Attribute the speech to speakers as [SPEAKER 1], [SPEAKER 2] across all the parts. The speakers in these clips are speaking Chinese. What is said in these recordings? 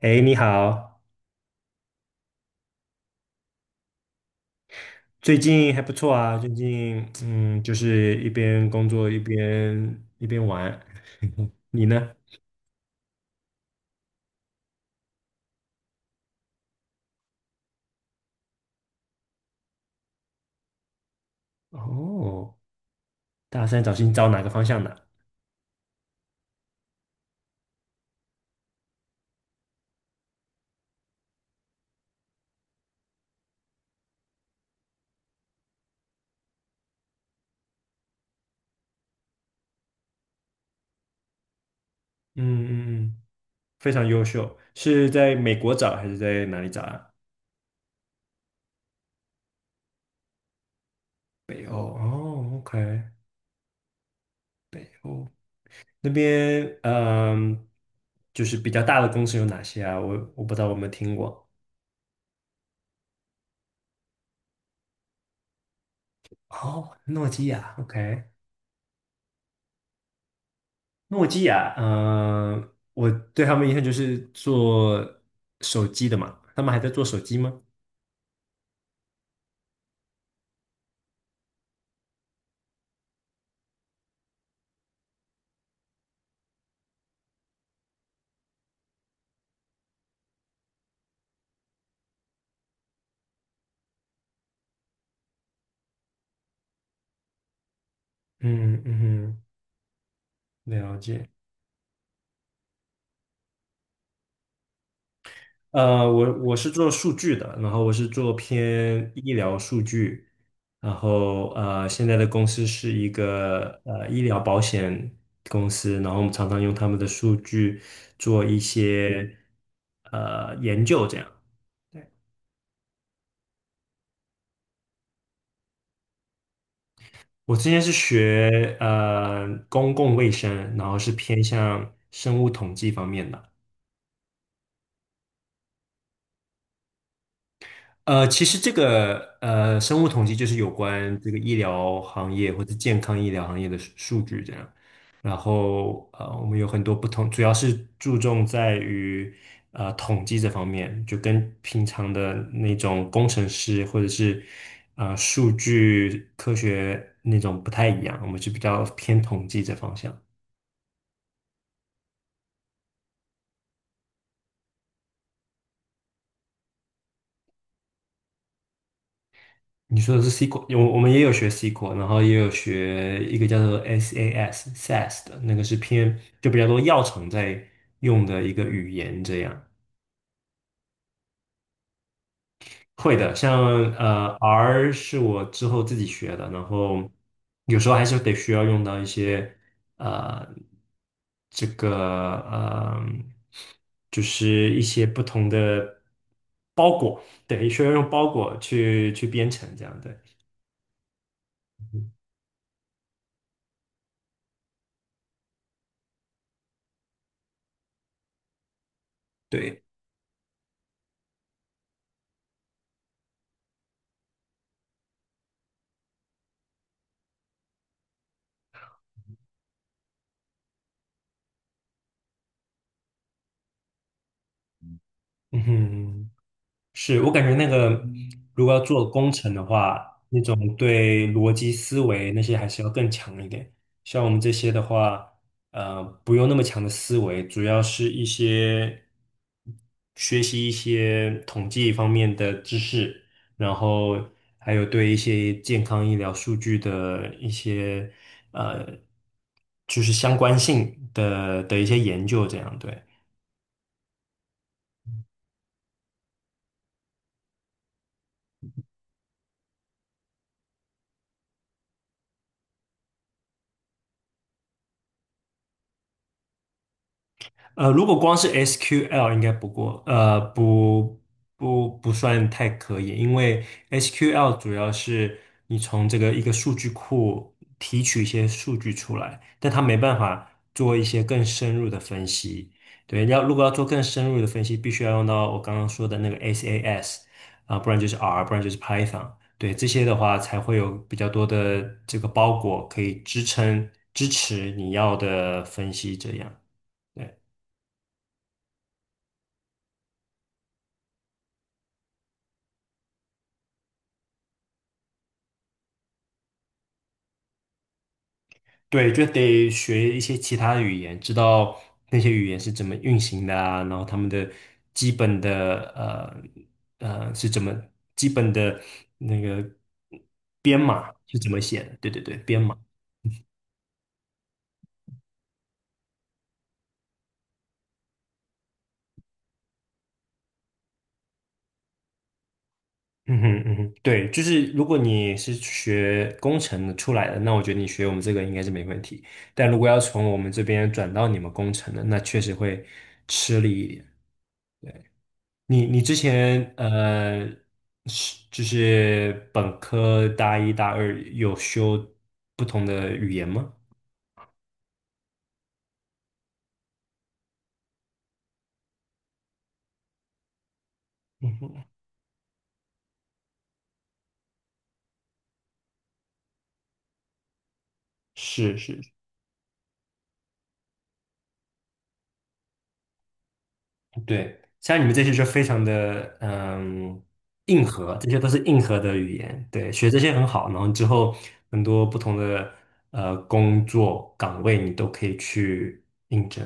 [SPEAKER 1] 哎，你好。最近还不错啊，最近就是一边工作一边玩。你呢？哦，大三找哪个方向的？嗯嗯嗯，非常优秀。是在美国找还是在哪里找啊？北欧哦，OK，北欧那边就是比较大的公司有哪些啊？我不知道我有没有听过。哦，诺基亚，OK。诺基亚。嗯、我对他们印象就是做手机的嘛，他们还在做手机吗？嗯嗯哼，了解。我是做数据的，然后我是做偏医疗数据，然后现在的公司是一个医疗保险公司，然后我们常常用他们的数据做一些研究，这样。对。我之前是学公共卫生，然后是偏向生物统计方面的。其实这个生物统计就是有关这个医疗行业或者健康医疗行业的数据这样。然后我们有很多不同，主要是注重在于统计这方面，就跟平常的那种工程师或者是数据科学那种不太一样，我们是比较偏统计这方向。你说的是 SQL,我们也有学 SQL,然后也有学一个叫做 SAS 的那个是偏就比较多药厂在用的一个语言，这样。会的。像R 是我之后自己学的，然后有时候还是得需要用到一些呃这个呃就是一些不同的包裹，对，需要用包裹去编程这样对。对，嗯哼。是我感觉那个，如果要做工程的话，那种对逻辑思维那些还是要更强一点。像我们这些的话，不用那么强的思维，主要是一些学习一些统计方面的知识，然后还有对一些健康医疗数据的一些呃，就是相关性的一些研究，这样对。如果光是 SQL 应该不过，不算太可以，因为 SQL 主要是你从这个一个数据库提取一些数据出来，但它没办法做一些更深入的分析。对，要如果要做更深入的分析，必须要用到我刚刚说的那个 SAS 啊，不然就是 R,不然就是 Python。对，这些的话才会有比较多的这个包裹可以支持你要的分析这样。对。对，就得学一些其他的语言，知道那些语言是怎么运行的啊，然后他们的基本的是怎么基本的那个编码是怎么写的？对对对，编码。嗯哼嗯哼，对，就是如果你是学工程的出来的，那我觉得你学我们这个应该是没问题。但如果要从我们这边转到你们工程的，那确实会吃力一点。你之前是就是本科大一大二有修不同的语言吗？嗯哼，是是，对，像你们这些就非常的硬核，这些都是硬核的语言。对，学这些很好，然后之后很多不同的工作岗位你都可以去应征。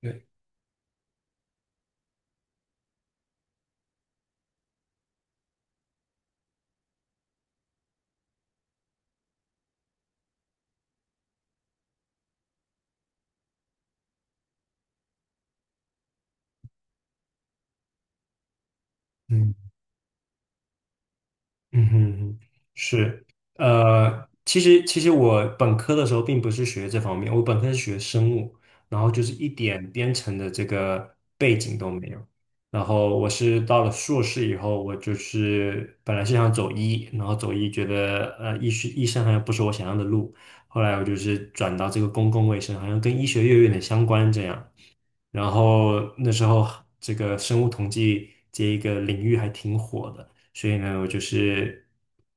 [SPEAKER 1] 对，嗯。嗯哼，是，其实我本科的时候并不是学这方面，我本科是学生物，然后就是一点编程的这个背景都没有。然后我是到了硕士以后，我就是本来是想走医，然后走医觉得医生好像不是我想要的路，后来我就是转到这个公共卫生，好像跟医学院有点相关这样。然后那时候这个生物统计这一个领域还挺火的，所以呢，我就是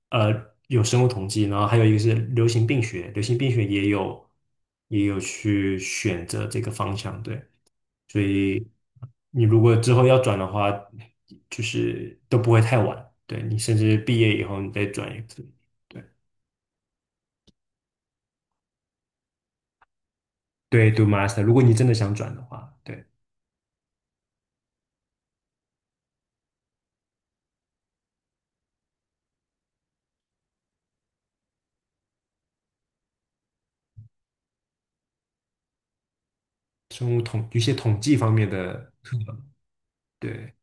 [SPEAKER 1] 呃有生物统计，然后还有一个是流行病学，流行病学也有去选择这个方向，对，所以你如果之后要转的话，就是都不会太晚，对你甚至毕业以后你再转一次，对对，读 master,如果你真的想转的话，对生物统一些统计方面的，对。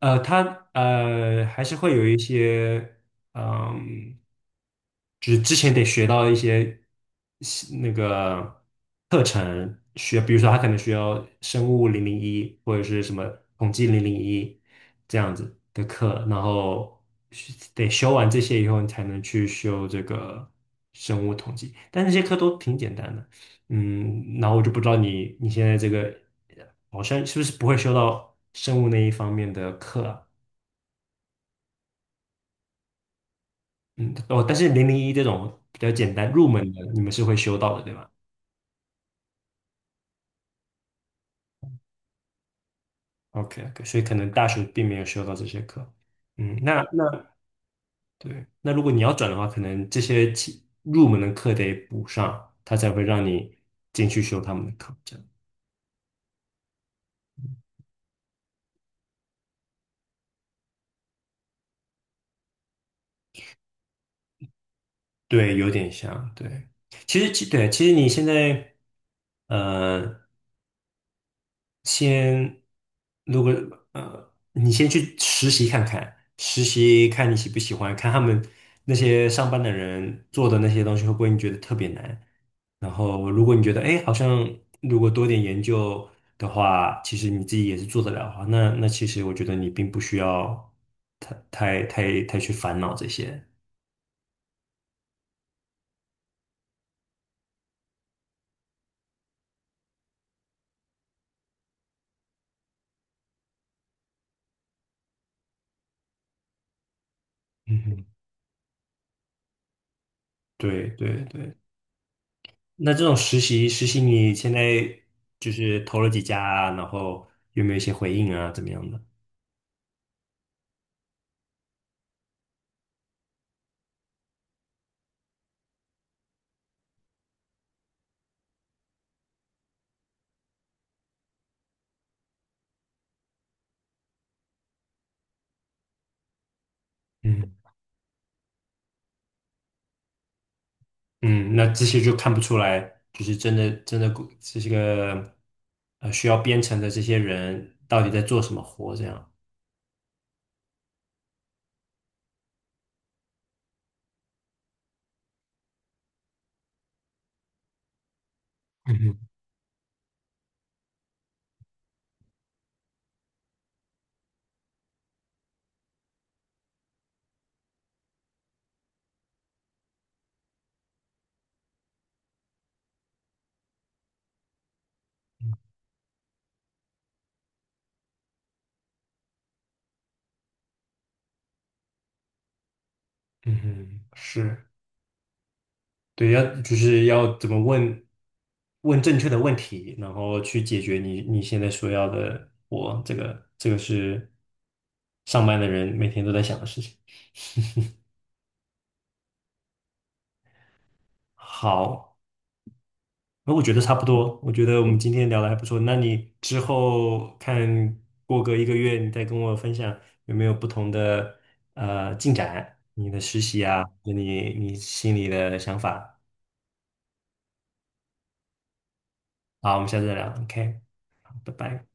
[SPEAKER 1] 他还是会有一些，嗯，就是之前得学到一些那个课程，学，比如说他可能需要生物零零一或者是什么统计零零一这样子的课，然后是得修完这些以后，你才能去修这个生物统计，但那些课都挺简单的，嗯，然后我就不知道你现在这个。好像是不是不会修到生物那一方面的课啊？嗯，哦，但是零零一这种比较简单入门的，你们是会修到的，对吧？OK,所以可能大学并没有修到这些课。嗯，那对，那如果你要转的话，可能这些起入门的课得补上，他才会让你进去修他们的课。这样对，有点像。对，其实其对，其实你现在呃先，如果你先去实习看看，实习看你喜不喜欢，看他们那些上班的人做的那些东西会不会你觉得特别难。然后，如果你觉得哎，诶好像如果多点研究的话，其实你自己也是做得了的话，那其实我觉得你并不需要太去烦恼这些。嗯哼，对对对。那这种实习你现在就是投了几家啊然后有没有一些回应啊，怎么样的？嗯嗯，那这些就看不出来，就是真的真的这些个需要编程的这些人到底在做什么活，这样。嗯哼，嗯哼，是，对，要就是要怎么问正确的问题，然后去解决你现在所要的活，这个是上班的人每天都在想的事情。好。那我觉得差不多，我觉得我们今天聊的还不错。那你之后看过个一个月，你再跟我分享有没有不同的进展，你的实习啊，跟你心里的想法。好，我们下次再聊，OK,好拜拜。